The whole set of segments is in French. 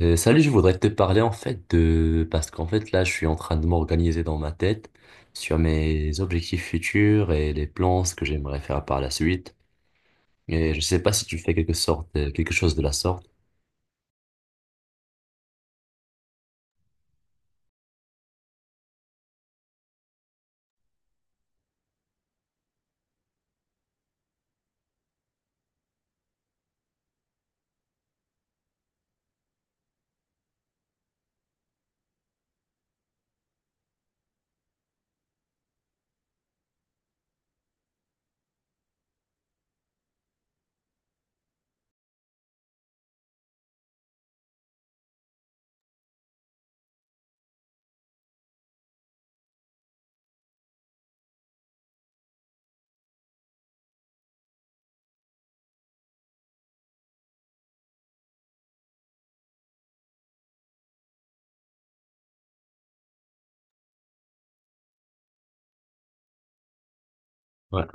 Salut, je voudrais te parler en fait Parce qu'en fait là, je suis en train de m'organiser dans ma tête sur mes objectifs futurs et les plans, ce que j'aimerais faire par la suite. Et je sais pas si tu fais quelque sorte, quelque chose de la sorte. Ouais.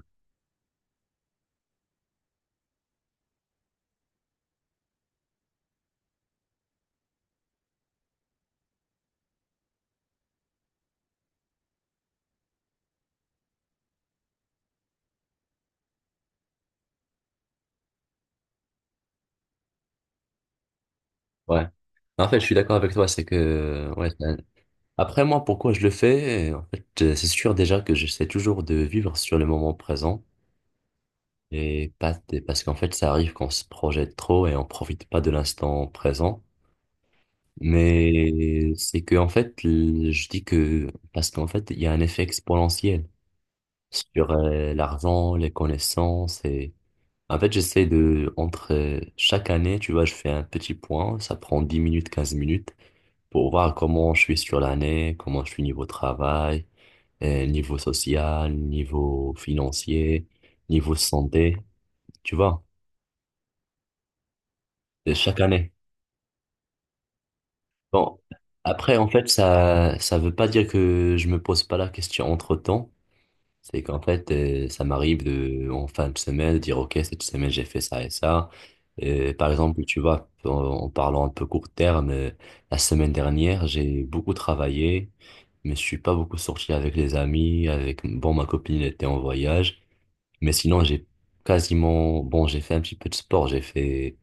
Ouais. En fait, je suis d'accord avec toi, ouais, après moi, pourquoi je le fais? En fait, c'est sûr déjà que j'essaie toujours de vivre sur le moment présent. Et pas, et parce qu'en fait, ça arrive qu'on se projette trop et on profite pas de l'instant présent. Mais c'est que, en fait, je dis que, parce qu'en fait, il y a un effet exponentiel sur l'argent, les connaissances et, en fait, j'essaie de, entre chaque année, tu vois, je fais un petit point, ça prend 10 minutes, 15 minutes pour voir comment je suis sur l'année, comment je suis niveau travail, niveau social, niveau financier, niveau santé, tu vois, de chaque année. Bon, après, en fait, ça veut pas dire que je me pose pas la question entre-temps. C'est qu'en fait, ça m'arrive de, en fin de semaine, de dire, OK, cette semaine, j'ai fait ça et ça. Par exemple, tu vois, en parlant un peu court terme, la semaine dernière, j'ai beaucoup travaillé, mais je suis pas beaucoup sorti avec les amis, avec, bon, ma copine était en voyage, mais sinon, j'ai quasiment, bon, j'ai fait un petit peu de sport, j'ai fait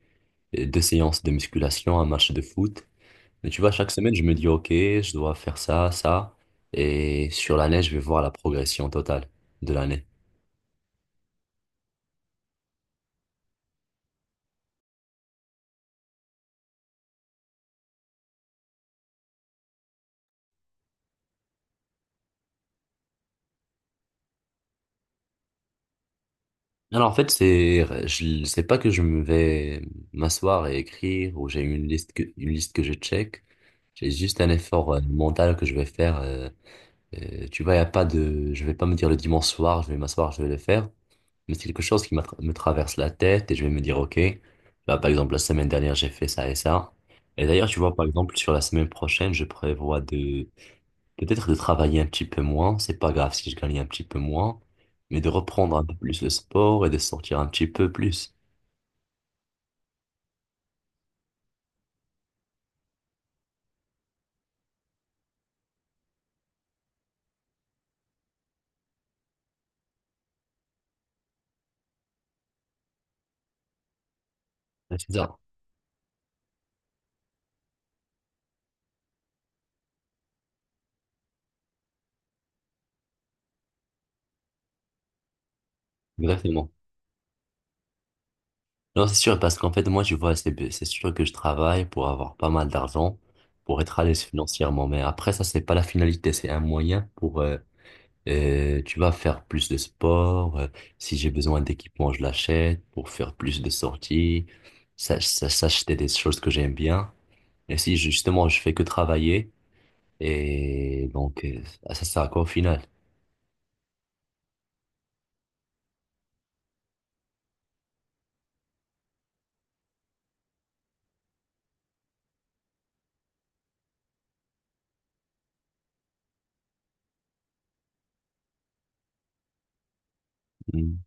deux séances de musculation, un match de foot. Mais tu vois, chaque semaine, je me dis, OK, je dois faire ça, ça. Et sur l'année, je vais voir la progression totale de l'année. Alors, en fait, c'est, je sais pas que je me vais m'asseoir et écrire ou j'ai une liste que je check. J'ai juste un effort mental que je vais faire. Tu vois, y a pas de, je vais pas me dire le dimanche soir, je vais m'asseoir, je vais le faire. Mais c'est quelque chose qui me traverse la tête et je vais me dire, OK, là, par exemple, la semaine dernière, j'ai fait ça et ça. Et d'ailleurs, tu vois, par exemple, sur la semaine prochaine, je prévois de peut-être de travailler un petit peu moins, c'est pas grave si je gagne un petit peu moins, mais de reprendre un peu plus le sport et de sortir un petit peu plus. Ouais, c'est ça, exactement. Non, c'est sûr, parce qu'en fait, moi, tu vois, c'est sûr que je travaille pour avoir pas mal d'argent, pour être à l'aise financièrement, mais après, ça, c'est pas la finalité, c'est un moyen pour, tu vas faire plus de sport, si j'ai besoin d'équipement, je l'achète, pour faire plus de sorties, s'acheter des choses que j'aime bien. Et si justement, je fais que travailler, et donc, bah, ça sert à quoi au final? Mm.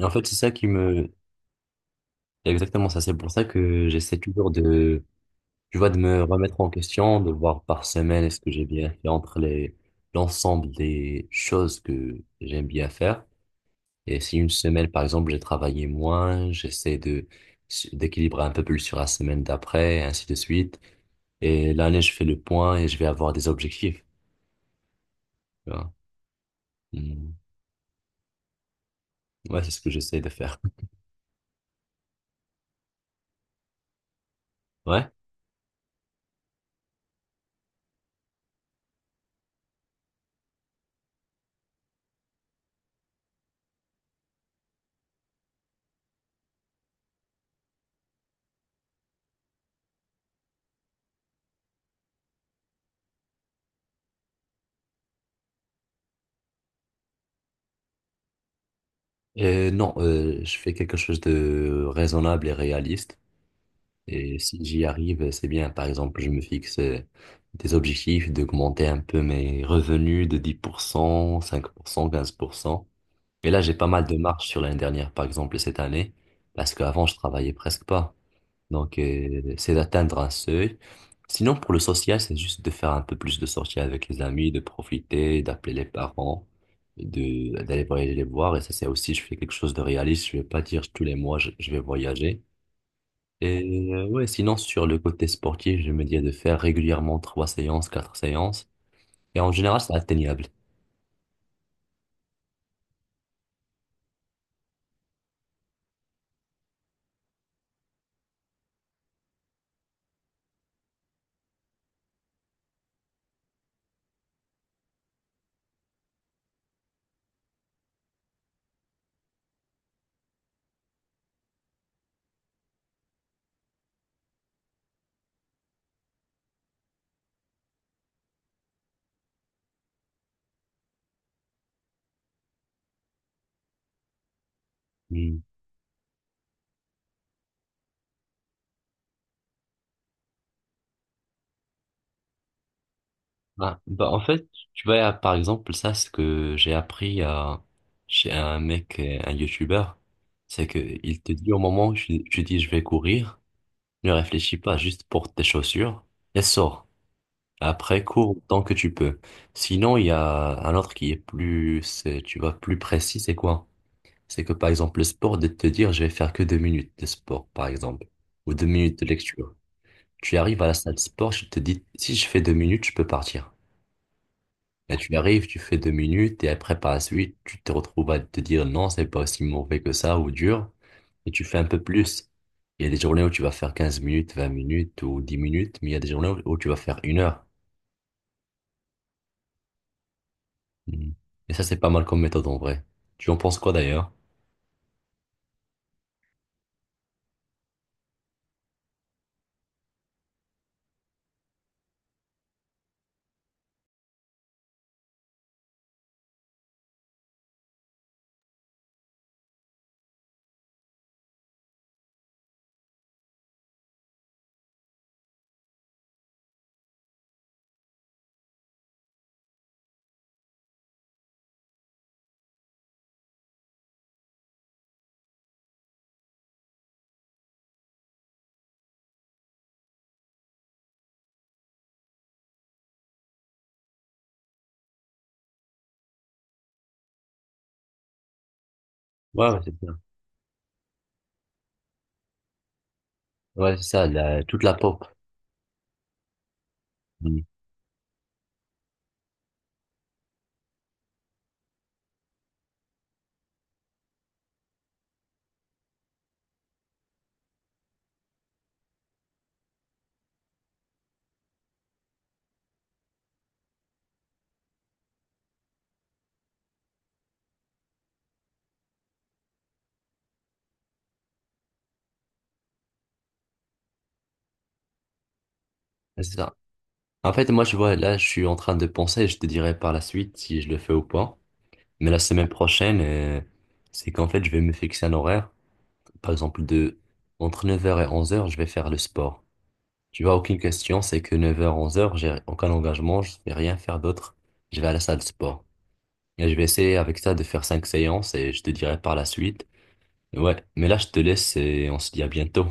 En fait, c'est ça qui me. Exactement ça, c'est pour ça que j'essaie toujours de, tu vois, de me remettre en question, de voir par semaine est-ce que j'ai bien fait entre les, l'ensemble des choses que j'aime bien faire. Et si une semaine, par exemple, j'ai travaillé moins, j'essaie de, d'équilibrer un peu plus sur la semaine d'après, et ainsi de suite. Et l'année, je fais le point et je vais avoir des objectifs. Tu vois. Mm. Ouais, c'est ce que j'essaie de faire. Ouais. Non, je fais quelque chose de raisonnable et réaliste. Et si j'y arrive, c'est bien. Par exemple, je me fixe des objectifs d'augmenter un peu mes revenus de dix pour cent, 5%, 15%. Et là, j'ai pas mal de marge sur l'année dernière, par exemple, et cette année, parce qu'avant, je travaillais presque pas. Donc, c'est d'atteindre un seuil. Sinon, pour le social, c'est juste de faire un peu plus de sorties avec les amis, de profiter, d'appeler les parents, d'aller voyager les voir. Et ça, c'est aussi, je fais quelque chose de réaliste. Je vais pas dire tous les mois, je vais voyager. Et ouais, sinon, sur le côté sportif, je me dis de faire régulièrement trois séances, quatre séances. Et en général, c'est atteignable. Hmm. Ah, bah en fait, tu vois, par exemple, ça, ce que j'ai appris à, chez un mec, un youtubeur, c'est que il te dit au moment où tu dis je vais courir, ne réfléchis pas, juste porte tes chaussures et sors. Après, cours tant que tu peux. Sinon, il y a un autre qui est plus, tu vois, plus précis, c'est quoi? C'est que par exemple, le sport, de te dire je vais faire que 2 minutes de sport, par exemple, ou 2 minutes de lecture. Tu arrives à la salle de sport, je te dis si je fais 2 minutes, je peux partir. Là, tu arrives, tu fais 2 minutes et après, par la suite, tu te retrouves à te dire non, c'est pas aussi mauvais que ça ou dur et tu fais un peu plus. Il y a des journées où tu vas faire 15 minutes, 20 minutes ou 10 minutes, mais il y a des journées où tu vas faire 1 heure. Mm. Et ça, c'est pas mal comme méthode en vrai. Tu en penses quoi d'ailleurs? Ouais, ouais, c'est ça. Ouais, c'est ça, toute la pop. Mm. Ouais, c'est ça. En fait, moi, je vois, là, je suis en train de penser, je te dirai par la suite si je le fais ou pas. Mais la semaine prochaine, c'est qu'en fait, je vais me fixer un horaire. Par exemple, de entre 9h et 11h, je vais faire le sport. Tu vois, aucune question, c'est que 9h 11h, j'ai aucun engagement, je vais rien faire d'autre. Je vais à la salle de sport. Et je vais essayer avec ça de faire 5 séances et je te dirai par la suite. Ouais, mais là, je te laisse et on se dit à bientôt.